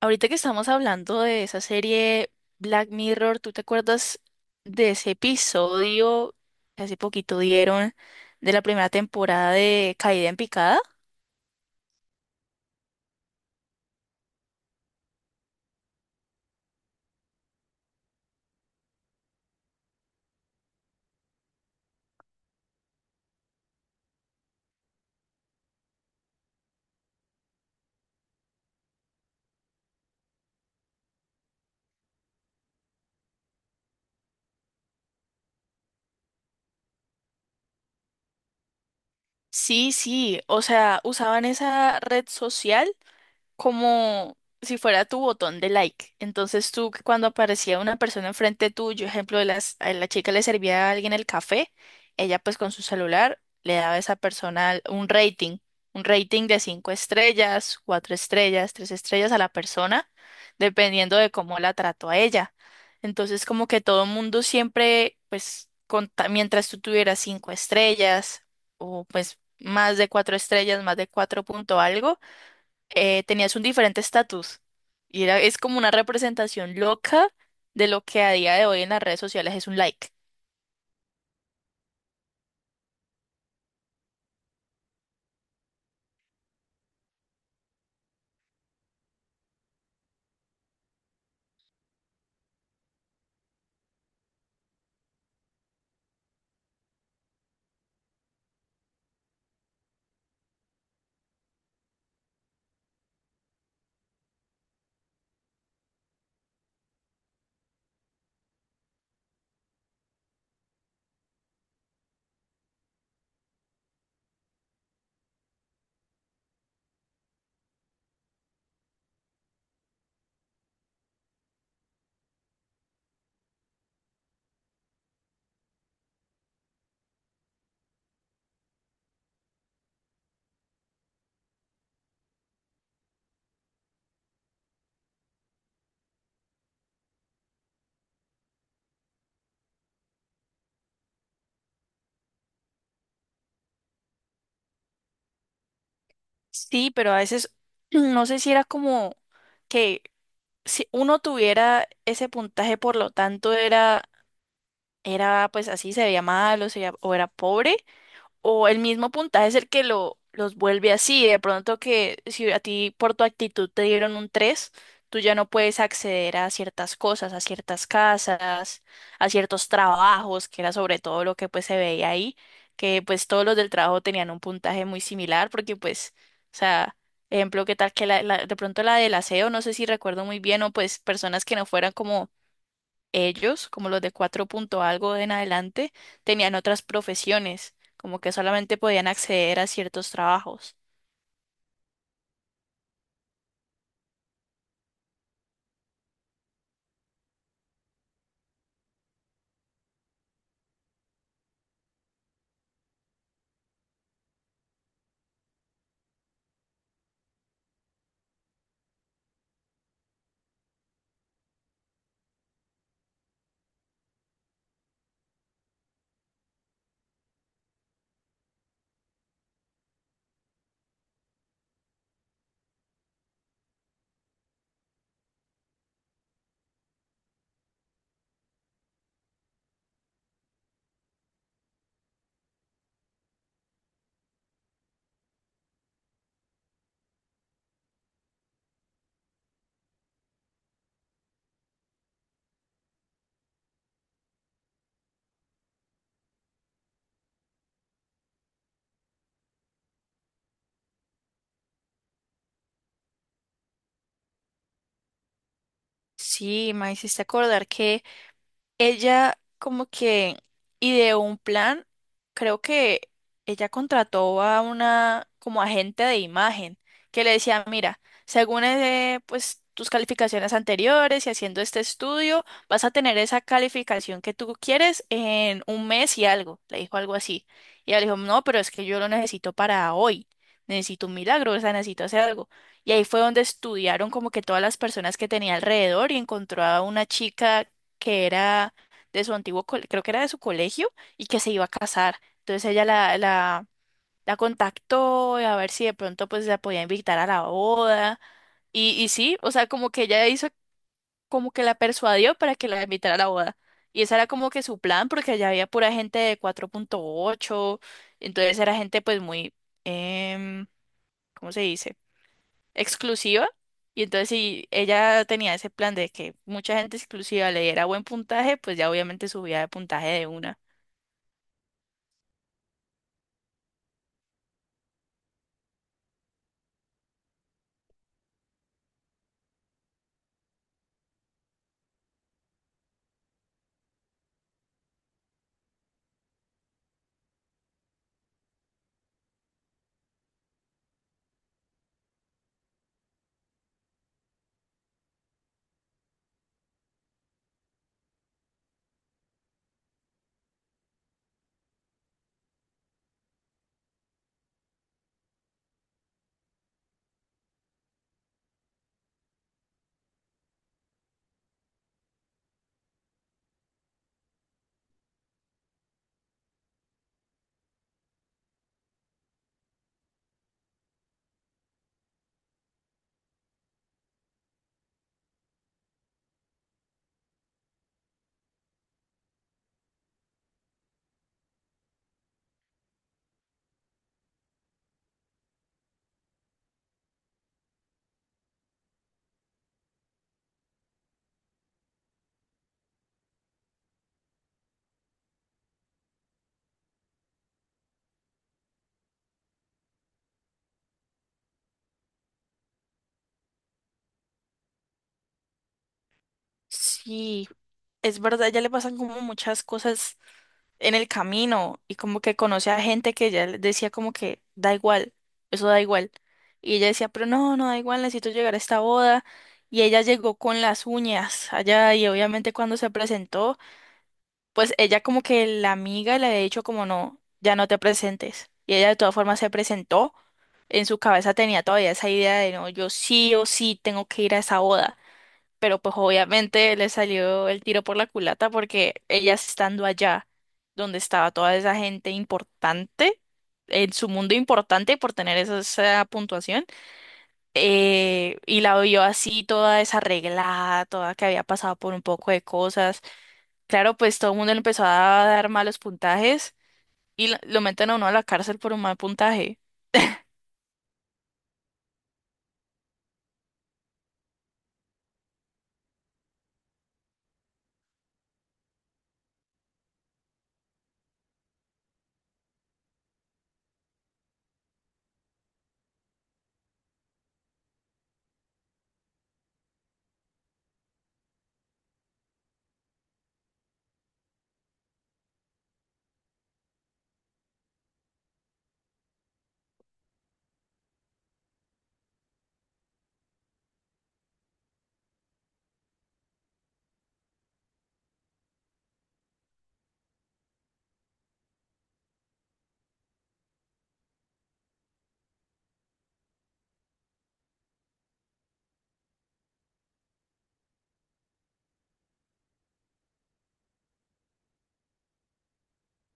Ahorita que estamos hablando de esa serie Black Mirror, ¿tú te acuerdas de ese episodio que hace poquito dieron de la primera temporada de Caída en Picada? Sí, sí, o sea, usaban esa red social como si fuera tu botón de like. Entonces tú cuando aparecía una persona enfrente tuyo, ejemplo, de a la chica le servía a alguien el café, ella pues con su celular le daba a esa persona un rating de 5 estrellas, 4 estrellas, 3 estrellas a la persona, dependiendo de cómo la trató a ella. Entonces como que todo el mundo siempre, pues mientras tú tuvieras 5 estrellas o pues más de 4 estrellas, más de cuatro punto algo, tenías un diferente estatus. Y era, es como una representación loca de lo que a día de hoy en las redes sociales es un like. Sí, pero a veces no sé si era como que si uno tuviera ese puntaje, por lo tanto era, era pues así, se veía mal o, o era pobre, o el mismo puntaje es el que lo, los vuelve así. De pronto que si a ti por tu actitud te dieron un 3, tú ya no puedes acceder a ciertas cosas, a ciertas casas, a ciertos trabajos, que era sobre todo lo que pues se veía ahí, que pues todos los del trabajo tenían un puntaje muy similar porque pues, o sea, ejemplo, qué tal que de pronto la del aseo, no sé si recuerdo muy bien, o pues personas que no fueran como ellos, como los de cuatro punto algo en adelante, tenían otras profesiones, como que solamente podían acceder a ciertos trabajos. Sí, me hiciste acordar que ella como que ideó un plan, creo que ella contrató a una como agente de imagen que le decía, mira, según pues tus calificaciones anteriores y haciendo este estudio, vas a tener esa calificación que tú quieres en un mes y algo, le dijo algo así. Y ella le dijo, no, pero es que yo lo necesito para hoy, necesito un milagro, o sea, necesito hacer algo. Y ahí fue donde estudiaron como que todas las personas que tenía alrededor y encontró a una chica que era de su antiguo, creo que era de su colegio, y que se iba a casar. Entonces ella la contactó a ver si de pronto pues la podía invitar a la boda. Y sí, o sea, como que ella hizo, como que la persuadió para que la invitara a la boda. Y ese era como que su plan, porque allá había pura gente de 4,8, entonces era gente pues muy, em, ¿cómo se dice? Exclusiva. Y entonces si ella tenía ese plan de que mucha gente exclusiva le diera buen puntaje, pues ya obviamente subía de puntaje de una. Sí, es verdad, ya le pasan como muchas cosas en el camino y como que conoce a gente que ya le decía como que da igual, eso da igual. Y ella decía, pero no, no da igual, necesito llegar a esta boda. Y ella llegó con las uñas allá y obviamente cuando se presentó, pues ella como que la amiga le había dicho como no, ya no te presentes. Y ella de todas formas se presentó. En su cabeza tenía todavía esa idea de no, yo sí o sí tengo que ir a esa boda. Pero pues obviamente le salió el tiro por la culata porque ella estando allá donde estaba toda esa gente importante, en su mundo importante por tener esa, esa puntuación, y la vio así toda desarreglada, toda que había pasado por un poco de cosas. Claro, pues todo el mundo le empezó a dar malos puntajes y lo meten a uno a la cárcel por un mal puntaje.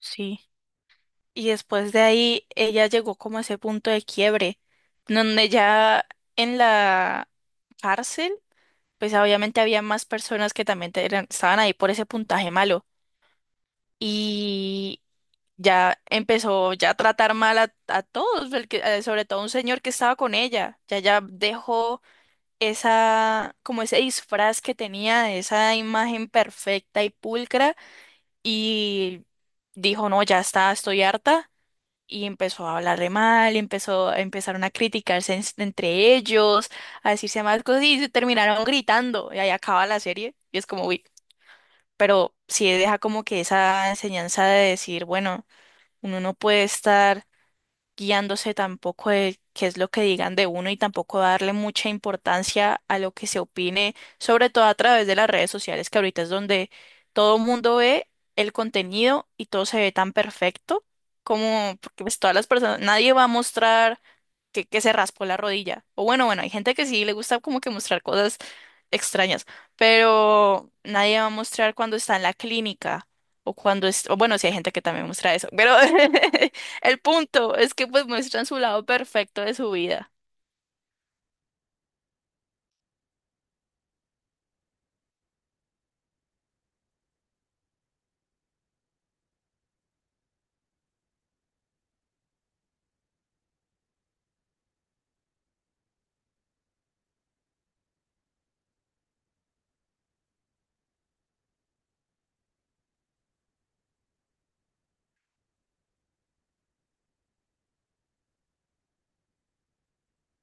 Sí. Y después de ahí ella llegó como a ese punto de quiebre, donde ya en la cárcel, pues obviamente había más personas que también estaban ahí por ese puntaje malo. Y ya empezó ya a tratar mal a todos, sobre todo a un señor que estaba con ella. Ya ya dejó esa, como ese disfraz que tenía, de esa imagen perfecta y pulcra, y dijo, no, ya está, estoy harta, y empezó a hablarle mal, empezaron a criticarse entre ellos, a decirse más cosas, y se terminaron gritando, y ahí acaba la serie, y es como, uy, pero sí deja como que esa enseñanza de decir, bueno, uno no puede estar guiándose tampoco de qué es lo que digan de uno y tampoco darle mucha importancia a lo que se opine, sobre todo a través de las redes sociales, que ahorita es donde todo el mundo ve el contenido y todo se ve tan perfecto como porque pues todas las personas, nadie va a mostrar que se raspó la rodilla. O bueno, bueno, hay gente que sí le gusta como que mostrar cosas extrañas, pero nadie va a mostrar cuando está en la clínica o cuando es, o bueno, sí hay gente que también muestra eso, pero el punto es que pues muestran su lado perfecto de su vida.